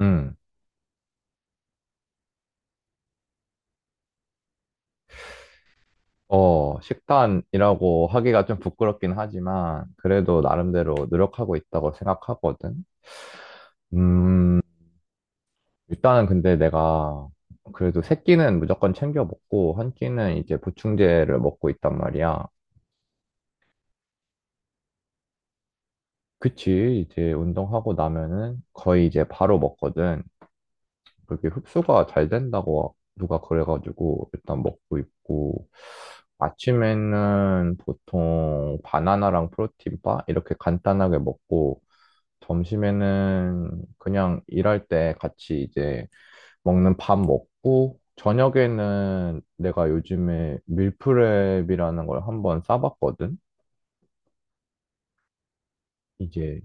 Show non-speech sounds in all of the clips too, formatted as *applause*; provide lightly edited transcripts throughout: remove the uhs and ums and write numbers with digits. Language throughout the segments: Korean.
음, 식단이라고 하기가 좀 부끄럽긴 하지만, 그래도 나름대로 노력하고 있다고 생각하거든. 음, 일단은 근데 내가 그래도 세 끼는 무조건 챙겨 먹고, 한 끼는 이제 보충제를 먹고 있단 말이야. 그치, 이제 운동하고 나면은 거의 이제 바로 먹거든. 그게 흡수가 잘 된다고 누가 그래가지고 일단 먹고 있고, 아침에는 보통 바나나랑 프로틴바 이렇게 간단하게 먹고, 점심에는 그냥 일할 때 같이 이제 먹는 밥 먹고, 저녁에는 내가 요즘에 밀프렙이라는 걸 한번 싸봤거든. 이게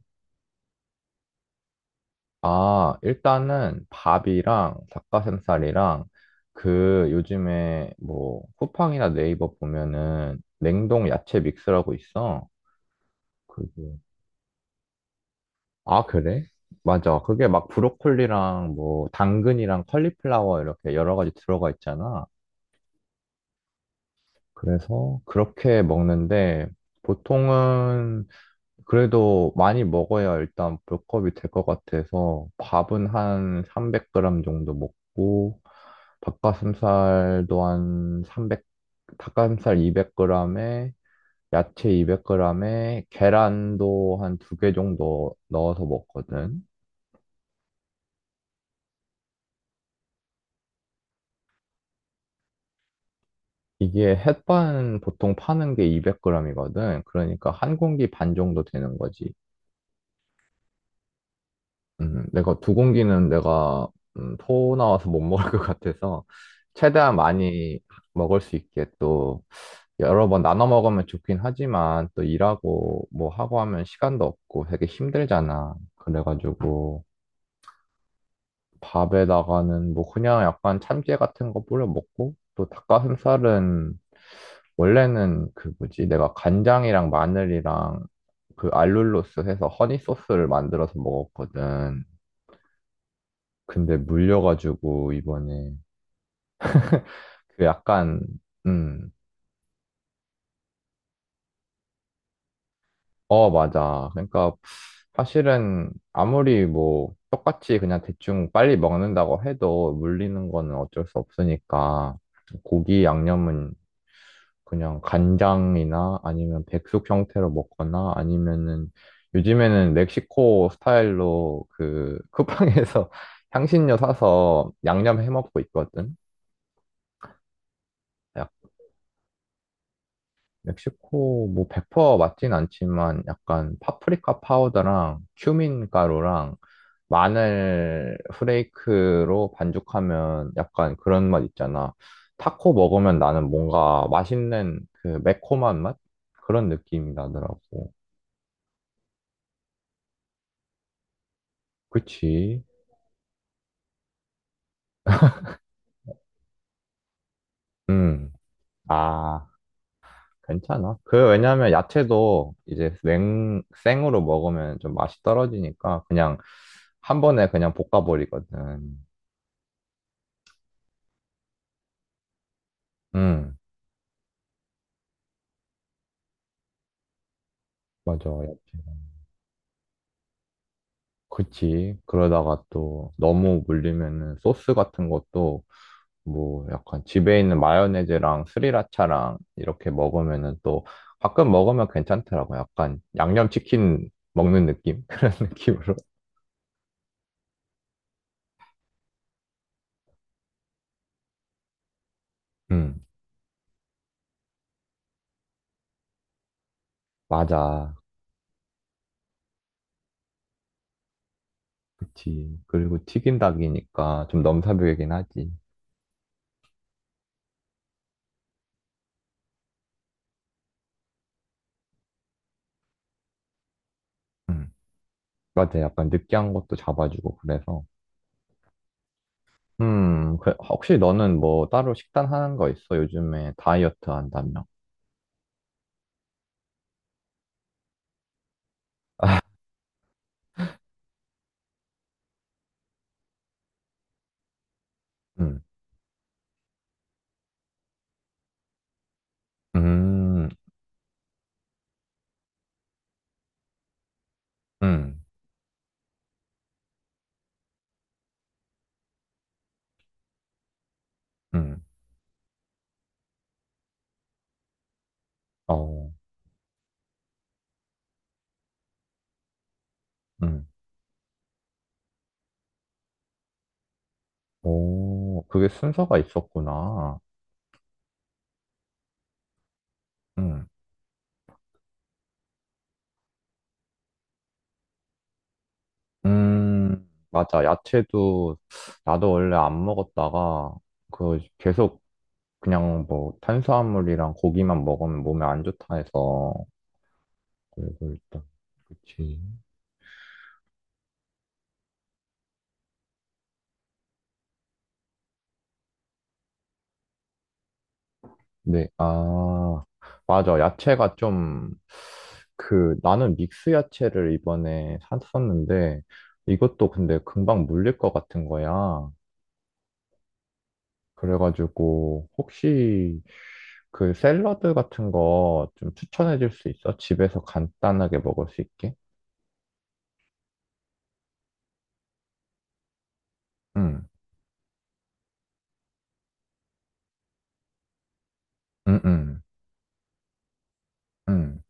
아, 일단은 밥이랑 닭가슴살이랑 그 요즘에 뭐 쿠팡이나 네이버 보면은 냉동 야채 믹스라고 있어. 그게 아, 그래? 맞아. 그게 막 브로콜리랑 뭐 당근이랑 컬리플라워 이렇게 여러 가지 들어가 있잖아. 그래서 그렇게 먹는데, 보통은 그래도 많이 먹어야 일단 볼컵이 될 것 같아서 밥은 한 300g 정도 먹고, 닭가슴살도 한 300, 닭가슴살 200g에 야채 200g에 계란도 한 두 개 정도 넣어서 먹거든. 이게 햇반 보통 파는 게 200g이거든. 그러니까 한 공기 반 정도 되는 거지. 내가 두 공기는 내가 토 나와서 못 먹을 것 같아서 최대한 많이 먹을 수 있게, 또 여러 번 나눠 먹으면 좋긴 하지만 또 일하고 뭐 하고 하면 시간도 없고 되게 힘들잖아. 그래가지고 밥에다가는 뭐 그냥 약간 참깨 같은 거 뿌려 먹고, 또 닭가슴살은 원래는 그 뭐지, 내가 간장이랑 마늘이랑 그 알룰로스 해서 허니 소스를 만들어서 먹었거든. 근데 물려가지고 이번에 그 약간 음, 맞아. 그러니까 사실은 아무리 뭐 똑같이 그냥 대충 빨리 먹는다고 해도 물리는 거는 어쩔 수 없으니까 고기 양념은 그냥 간장이나 아니면 백숙 형태로 먹거나 아니면은 요즘에는 멕시코 스타일로 그 쿠팡에서 *laughs* 향신료 사서 양념 해 먹고 있거든. 멕시코 뭐 100% 맞진 않지만 약간 파프리카 파우더랑 큐민 가루랑 마늘 후레이크로 반죽하면 약간 그런 맛 있잖아. 타코 먹으면 나는 뭔가 맛있는 그 매콤한 맛? 그런 느낌이 나더라고. 그치? 음. 아, 괜찮아. 그 왜냐면 야채도 이제 생으로 먹으면 좀 맛이 떨어지니까 그냥 한 번에 그냥 볶아버리거든. 음. 맞아. 야채. 그치. 그러다가 또 너무 물리면은 소스 같은 것도 뭐 약간 집에 있는 마요네즈랑 스리라차랑 이렇게 먹으면은 또 가끔 먹으면 괜찮더라고. 약간 양념치킨 먹는 느낌? *laughs* 그런 느낌으로. 응. 맞아. 그치. 그리고 튀긴 닭이니까 좀 넘사벽이긴 하지. 응. 맞아. 약간 느끼한 것도 잡아주고 그래서. 혹시 너는 뭐 따로 식단 하는 거 있어? 요즘에 다이어트 한다며. 음, 음, 음, 어, 음, 오, 그게 순서가 있었구나. 음, 맞아. 야채도 나도 원래 안 먹었다가 그 계속 그냥 뭐 탄수화물이랑 고기만 먹으면 몸에 안 좋다 해서 그래서 일단 그치. 네, 아, 맞아. 야채가 좀 그 나는 믹스 야채를 이번에 샀었는데 이것도 근데 금방 물릴 것 같은 거야. 그래가지고 혹시 그 샐러드 같은 거 좀 추천해 줄 수 있어? 집에서 간단하게 먹을 수 있게? 응, 응, 응, 응,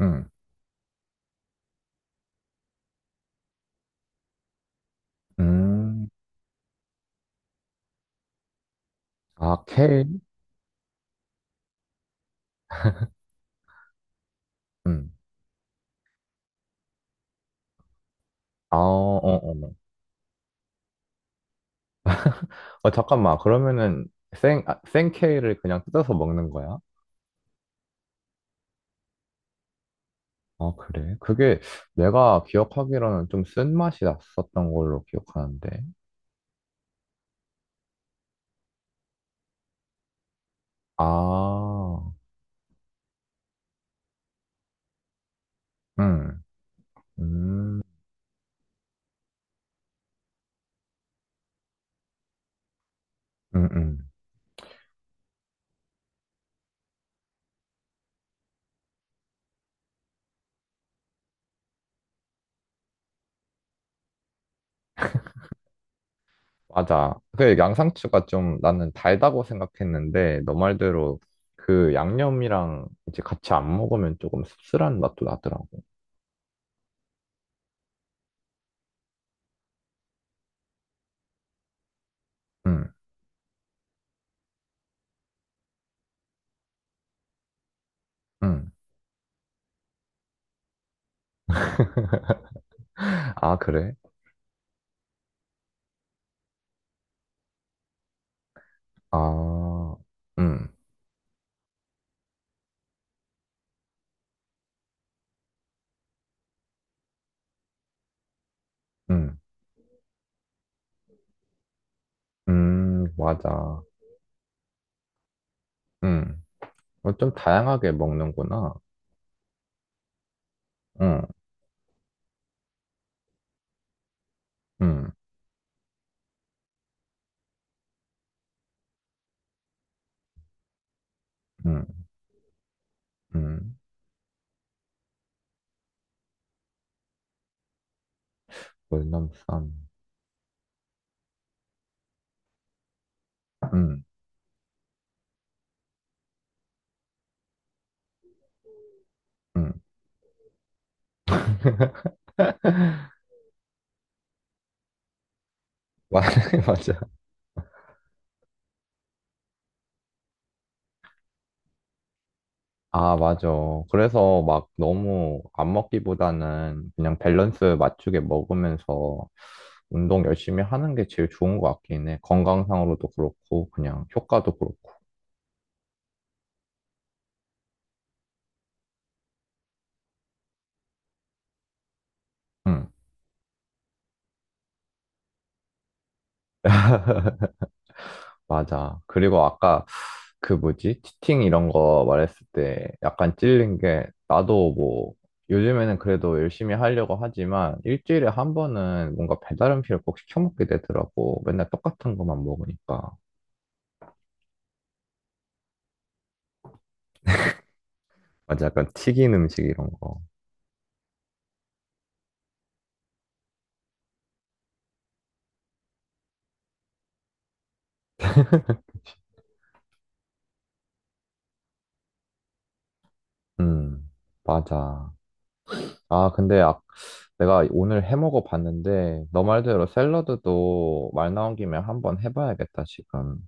응, 응. 아, 케일? 응. 아, 어, 어, 어. 어, 잠깐만. 그러면은 생 케일을 그냥 뜯어서 먹는 거야? 아, 그래? 그게 내가 기억하기로는 좀 쓴맛이 났었던 걸로 기억하는데. 아, 응, 음, 응, 응. 맞아. 그 양상추가 좀 나는 달다고 생각했는데, 너 말대로 그 양념이랑 이제 같이 안 먹으면 조금 씁쓸한 맛도 나더라고. 응, 응. *laughs* 아, 그래? 아, 응, 응, 맞아. 응. 어, 좀 다양하게 먹는구나. 응, 응, 응, 응. 월남쌈. 응, 응. *laughs* 맞아. 아, 맞아. 그래서 막 너무 안 먹기보다는 그냥 밸런스 맞추게 먹으면서 운동 열심히 하는 게 제일 좋은 것 같긴 해. 건강상으로도 그렇고, 그냥 효과도 그렇고. 응, 맞아. 그리고 아까 그 뭐지? 치팅 이런 거 말했을 때 약간 찔린 게 나도 뭐 요즘에는 그래도 열심히 하려고 하지만 일주일에 한 번은 뭔가 배달 음식을 꼭 시켜 먹게 되더라고. 맨날 똑같은 것만 먹으니까. 맞아. 약간 튀긴 음식 이런 거. 음, 맞아. 아, 근데 아, 내가 오늘 해 먹어 봤는데, 너 말대로 샐러드도 말 나온 김에 한번 해봐야겠다, 지금.